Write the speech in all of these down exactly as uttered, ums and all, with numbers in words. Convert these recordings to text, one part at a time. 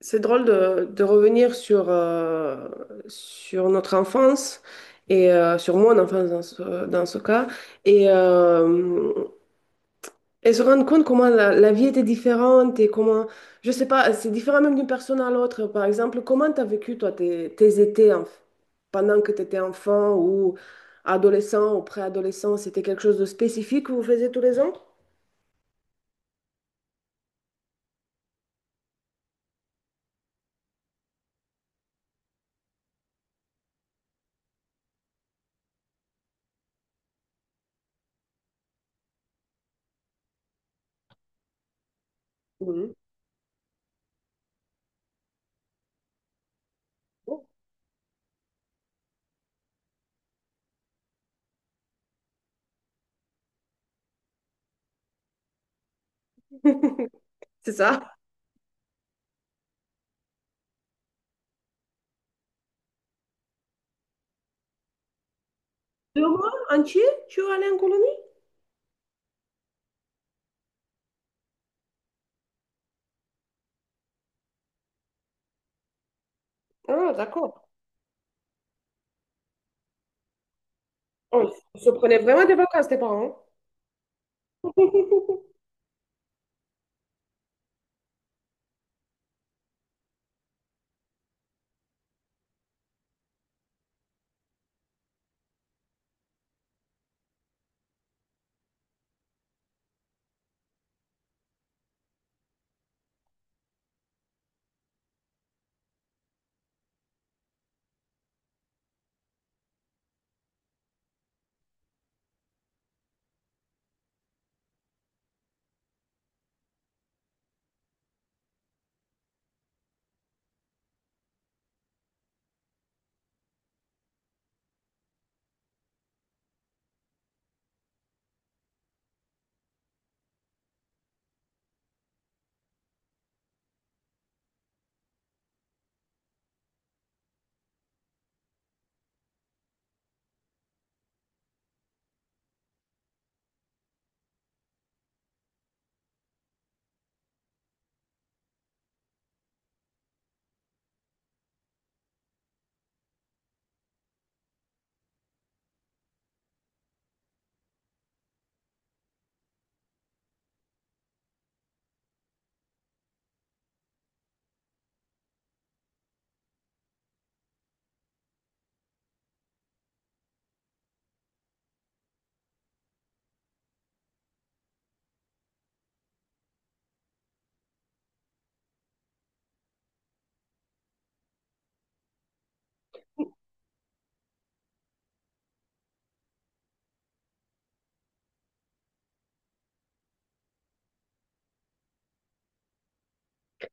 C'est drôle de, de revenir sur, euh, sur notre enfance et euh, sur mon enfance dans ce, dans ce cas et, euh, et se rendre compte comment la, la vie était différente et comment, je sais pas, c'est différent même d'une personne à l'autre. Par exemple, comment tu as vécu toi tes, tes étés en- pendant que tu étais enfant ou adolescent ou préadolescent? C'était quelque chose de spécifique que vous faisiez tous les ans? Mhm. C'est ça? Deux mois entiers, tu es allé en colonie? Ah, d'accord. On se prenait vraiment des vacances, tes parents.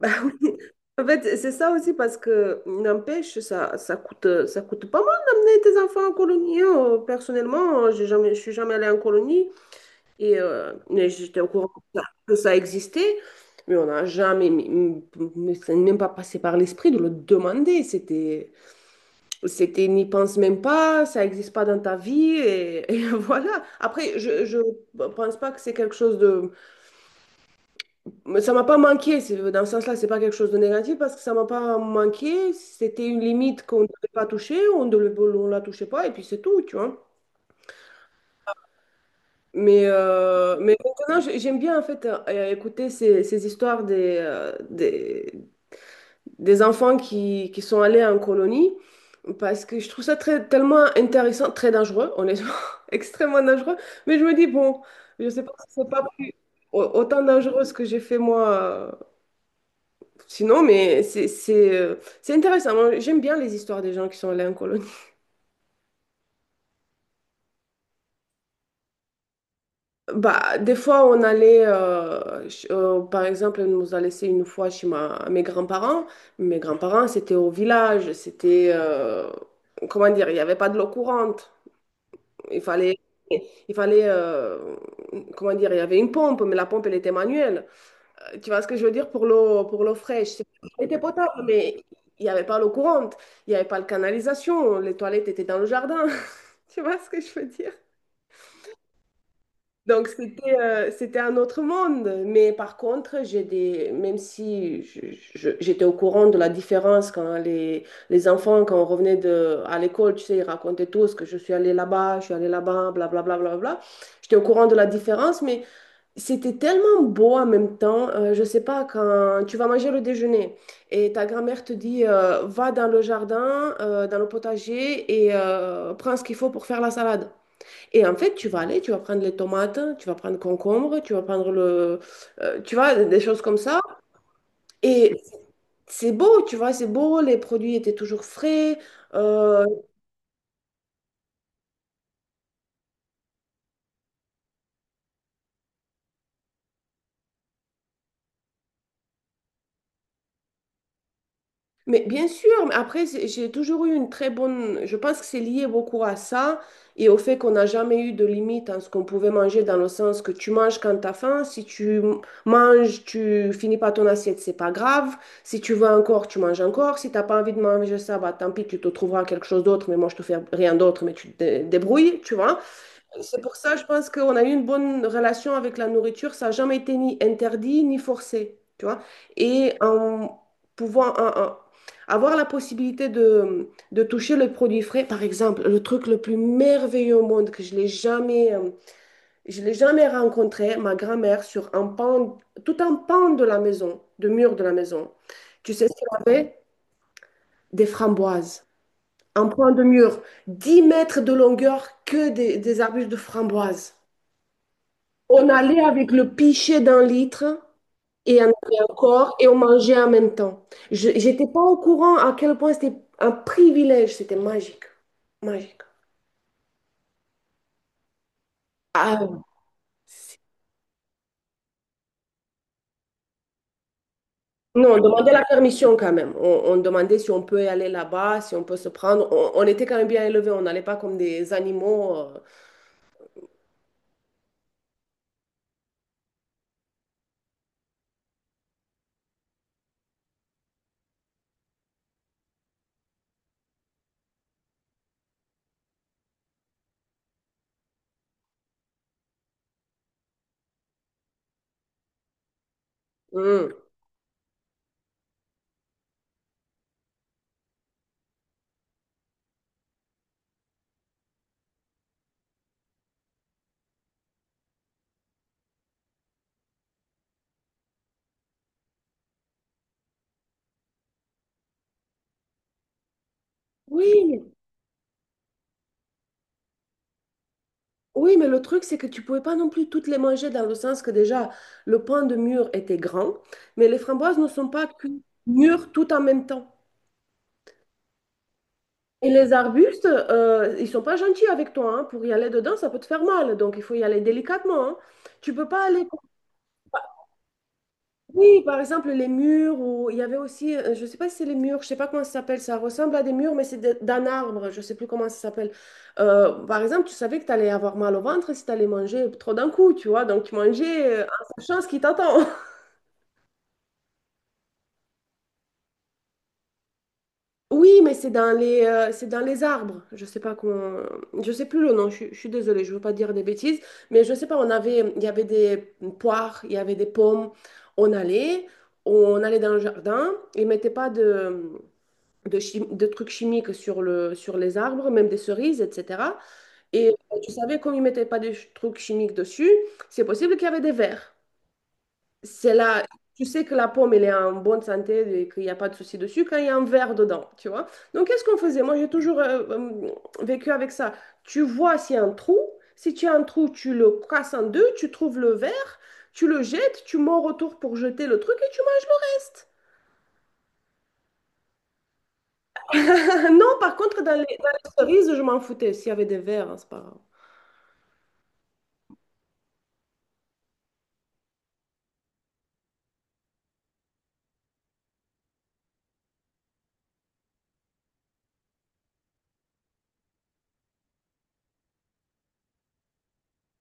Bah oui. En fait, c'est ça aussi parce que, n'empêche, ça, ça coûte, ça coûte pas mal d'amener tes enfants en colonie. Hein. Euh, Personnellement, j'ai jamais, je suis jamais allée en colonie et euh, mais j'étais au courant que ça, que ça existait, mais on n'a jamais, mais m- ça n'est même pas passé par l'esprit de le demander. C'était, c'était, n'y pense même pas, ça n'existe pas dans ta vie et, et voilà. Après, je, je pense pas que c'est quelque chose de Mais ça m'a pas manqué, c'est- dans ce sens-là, c'est pas quelque chose de négatif parce que ça m'a pas manqué. C'était une limite qu'on ne devait pas toucher, on ne le- on la touchait pas et puis c'est tout, tu vois. Mais, euh, mais maintenant, j'ai- j'aime bien en fait euh, écouter ces, ces histoires des, euh, des, des enfants qui, qui sont allés en colonie parce que je trouve ça très, tellement intéressant, très dangereux, honnêtement, extrêmement dangereux. Mais je me dis, bon, je sais pas si c'est pas plus- au- autant dangereux ce que j'ai fait moi. euh, Sinon, mais c'est c'est, euh, c'est intéressant. Moi, j'aime bien les histoires des gens qui sont allés en colonie. Bah, des fois, on allait, euh, ch- euh, par exemple, on nous a laissé une fois chez ma, mes grands-parents. Mes grands-parents, c'était au village, c'était, euh, comment dire, il n'y avait pas de l'eau courante. Il fallait, il fallait, euh, comment dire, il y avait une pompe, mais la pompe, elle était manuelle. Euh, Tu vois ce que je veux dire pour l'eau, pour l'eau fraîche? C'est- Elle était potable, mais il n'y avait pas l'eau courante. Il n'y avait pas de canalisation, les toilettes étaient dans le jardin. Tu vois ce que je veux dire? Donc, c'était euh, c'était un autre monde. Mais par contre, j'ai des, même si je- je- j'étais au courant de la différence quand les, les enfants, quand on revenait de, à l'école, tu sais, ils racontaient tous que je suis allée là-bas, je suis allée là-bas, blablabla, blablabla. J'étais au courant de la différence, mais c'était tellement beau en même temps. Euh, je sais pas, quand tu vas manger le déjeuner et ta grand-mère te dit, euh, va dans le jardin, euh, dans le potager et euh, prends ce qu'il faut pour faire la salade. Et en fait, tu vas aller, tu vas prendre les tomates, tu vas prendre concombre, tu vas prendre le, euh, tu vois, des choses comme ça. Et c'est beau, tu vois, c'est beau, les produits étaient toujours frais. Euh, Mais bien sûr, mais après, c'est- j'ai toujours eu une très bonne... Je pense que c'est lié beaucoup à ça et au fait qu'on n'a jamais eu de limite en ce qu'on pouvait manger, dans le sens que tu manges quand t'as faim, si tu m- manges, tu finis pas ton assiette, c'est pas grave. Si tu veux encore, tu manges encore. Si t'as pas envie de manger ça, bah tant pis, tu te trouveras quelque chose d'autre, mais moi je te fais rien d'autre, mais tu te dé- débrouilles, tu vois. C'est pour ça, je pense qu'on a eu une bonne relation avec la nourriture. Ça n'a jamais été ni interdit ni forcé, tu vois. Et en pouvant en- en- avoir la possibilité de, de toucher le produit frais, par exemple, le truc le plus merveilleux au monde que je l'ai jamais, euh, je l'ai jamais rencontré, ma grand-mère sur un pan, tout un pan de la maison, de mur de la maison. Tu sais ce qu'elle avait? Des framboises. Un pan de mur, dix mètres de longueur, que des, des arbustes de framboises. On allait avec le pichet d'un litre et on avait encore et on mangeait en même temps. Je n'étais pas au courant à quel point c'était un privilège, c'était magique, magique. Ah, c'est- non, on demandait la permission quand même. On, on demandait si on peut aller là-bas, si on peut se prendre. On, on était quand même bien élevés, on n'allait pas comme des animaux. euh. Hmm. Oui, oui, mais le truc, c'est que tu pouvais pas non plus toutes les manger dans le sens que déjà, le pain de mûre était grand, mais les framboises ne sont pas cuites mûres tout en même temps. Et les arbustes, euh, ils sont pas gentils avec toi, hein. Pour y aller dedans, ça peut te faire mal. Donc, il faut y aller délicatement, hein. Tu peux pas aller... Oui, par exemple, les murs, ou il y avait aussi, euh, je sais pas si c'est les murs, je sais pas comment ça s'appelle, ça ressemble à des murs, mais c'est de- d'un arbre, je sais plus comment ça s'appelle. Euh, par exemple, tu savais que tu allais avoir mal au ventre si tu allais manger trop d'un coup, tu vois. Donc, tu mangeais euh, en sachant ce qui t'attend. Oui, mais c'est dans les, euh, c'est dans les arbres. Je sais pas qu'on, je sais plus le nom. Je, suis je suis désolée, je veux pas dire des bêtises, mais je sais pas. On avait, il y avait des poires, il y avait des pommes. On allait, on allait dans le jardin. Ils mettaient pas de, de, chi- de trucs chimiques sur le, sur les arbres, même des cerises, et cetera. Et euh, tu savais comme ils mettaient pas de ch- trucs chimiques dessus, c'est possible qu'il y avait des vers. C'est là, tu sais que la pomme, elle est en bonne santé et qu'il n'y a pas de souci dessus quand il y a un verre dedans, tu vois. Donc, qu'est-ce qu'on faisait? Moi, j'ai toujours euh, euh, vécu avec ça. Tu vois s'il y a un trou. Si tu as un trou, tu le casses en deux, tu trouves le verre, tu le jettes, tu mords autour pour jeter le truc et tu manges le reste. Non, par contre, dans les, dans les cerises, je m'en foutais. S'il y avait des verres, hein, c'est pas grave.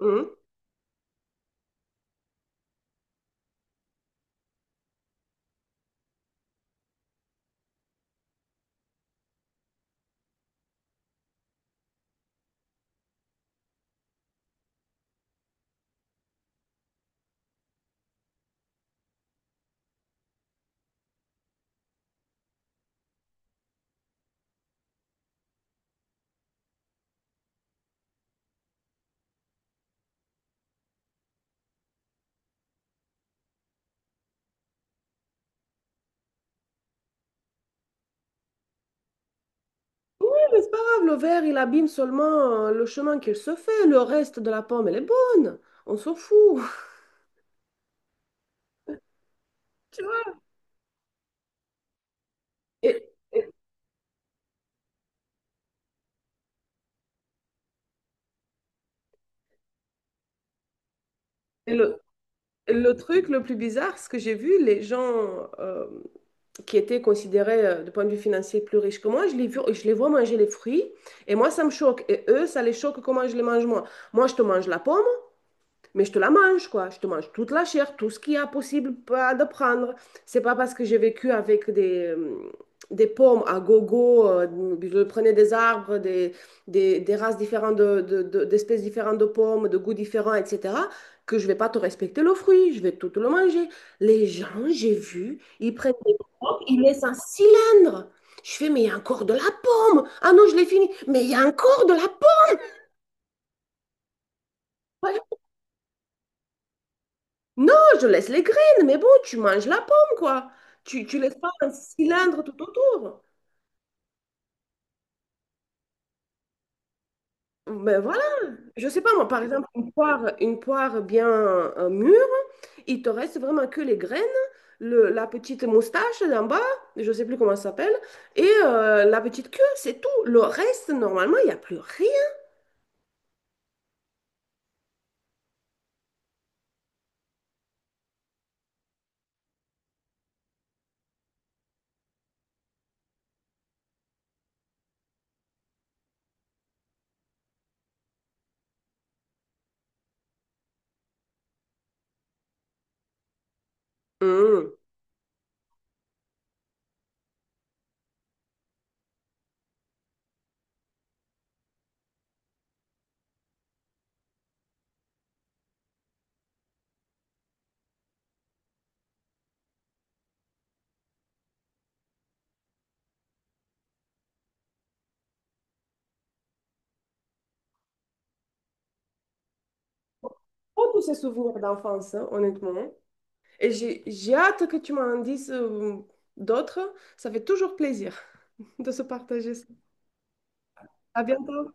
Hum. Ouais, Mais c'est pas grave, le verre, il abîme seulement euh, le chemin qu'il se fait. Le reste de la pomme, elle est bonne. On s'en fout. Tu vois? Et, Et le, le truc le plus bizarre, ce que j'ai vu, les gens euh, qui étaient considérés euh, du point de vue financier plus riches que moi, je les, vu- je les vois manger les fruits et moi, ça me choque. Et eux, ça les choque comment je les mange moi. Moi, je te mange la pomme, mais je te la mange, quoi. Je te mange toute la chair, tout ce qu'il y a possible pas de prendre. C'est pas parce que j'ai vécu avec des, euh, des pommes à gogo, euh, je prenais des arbres, des, des, des races différentes, de, de- de- d'espèces différentes de pommes, de goûts différents, et cetera, que je vais pas te respecter le fruit, je vais tout le manger. Les gens, j'ai vu, ils prennent des pommes, ils laissent un cylindre. Je fais, mais il y a encore de la pomme. Ah non, je l'ai fini. Mais il y a encore de la pomme. Non, je laisse les graines, mais bon, tu manges la pomme, quoi. Tu, tu laisses pas un cylindre tout autour. Ben voilà, je sais pas moi, par exemple, une poire, une poire bien euh, mûre, il te reste vraiment que les graines, le, la petite moustache d'en bas, je sais plus comment ça s'appelle, et euh, la petite queue, c'est tout. Le reste, normalement, il n'y a plus rien. Hum. Oh, tous ces souvenirs d'enfance, hein, honnêtement. Et j'ai j'ai hâte que tu m'en dises euh, d'autres. Ça fait toujours plaisir de se partager. À bientôt.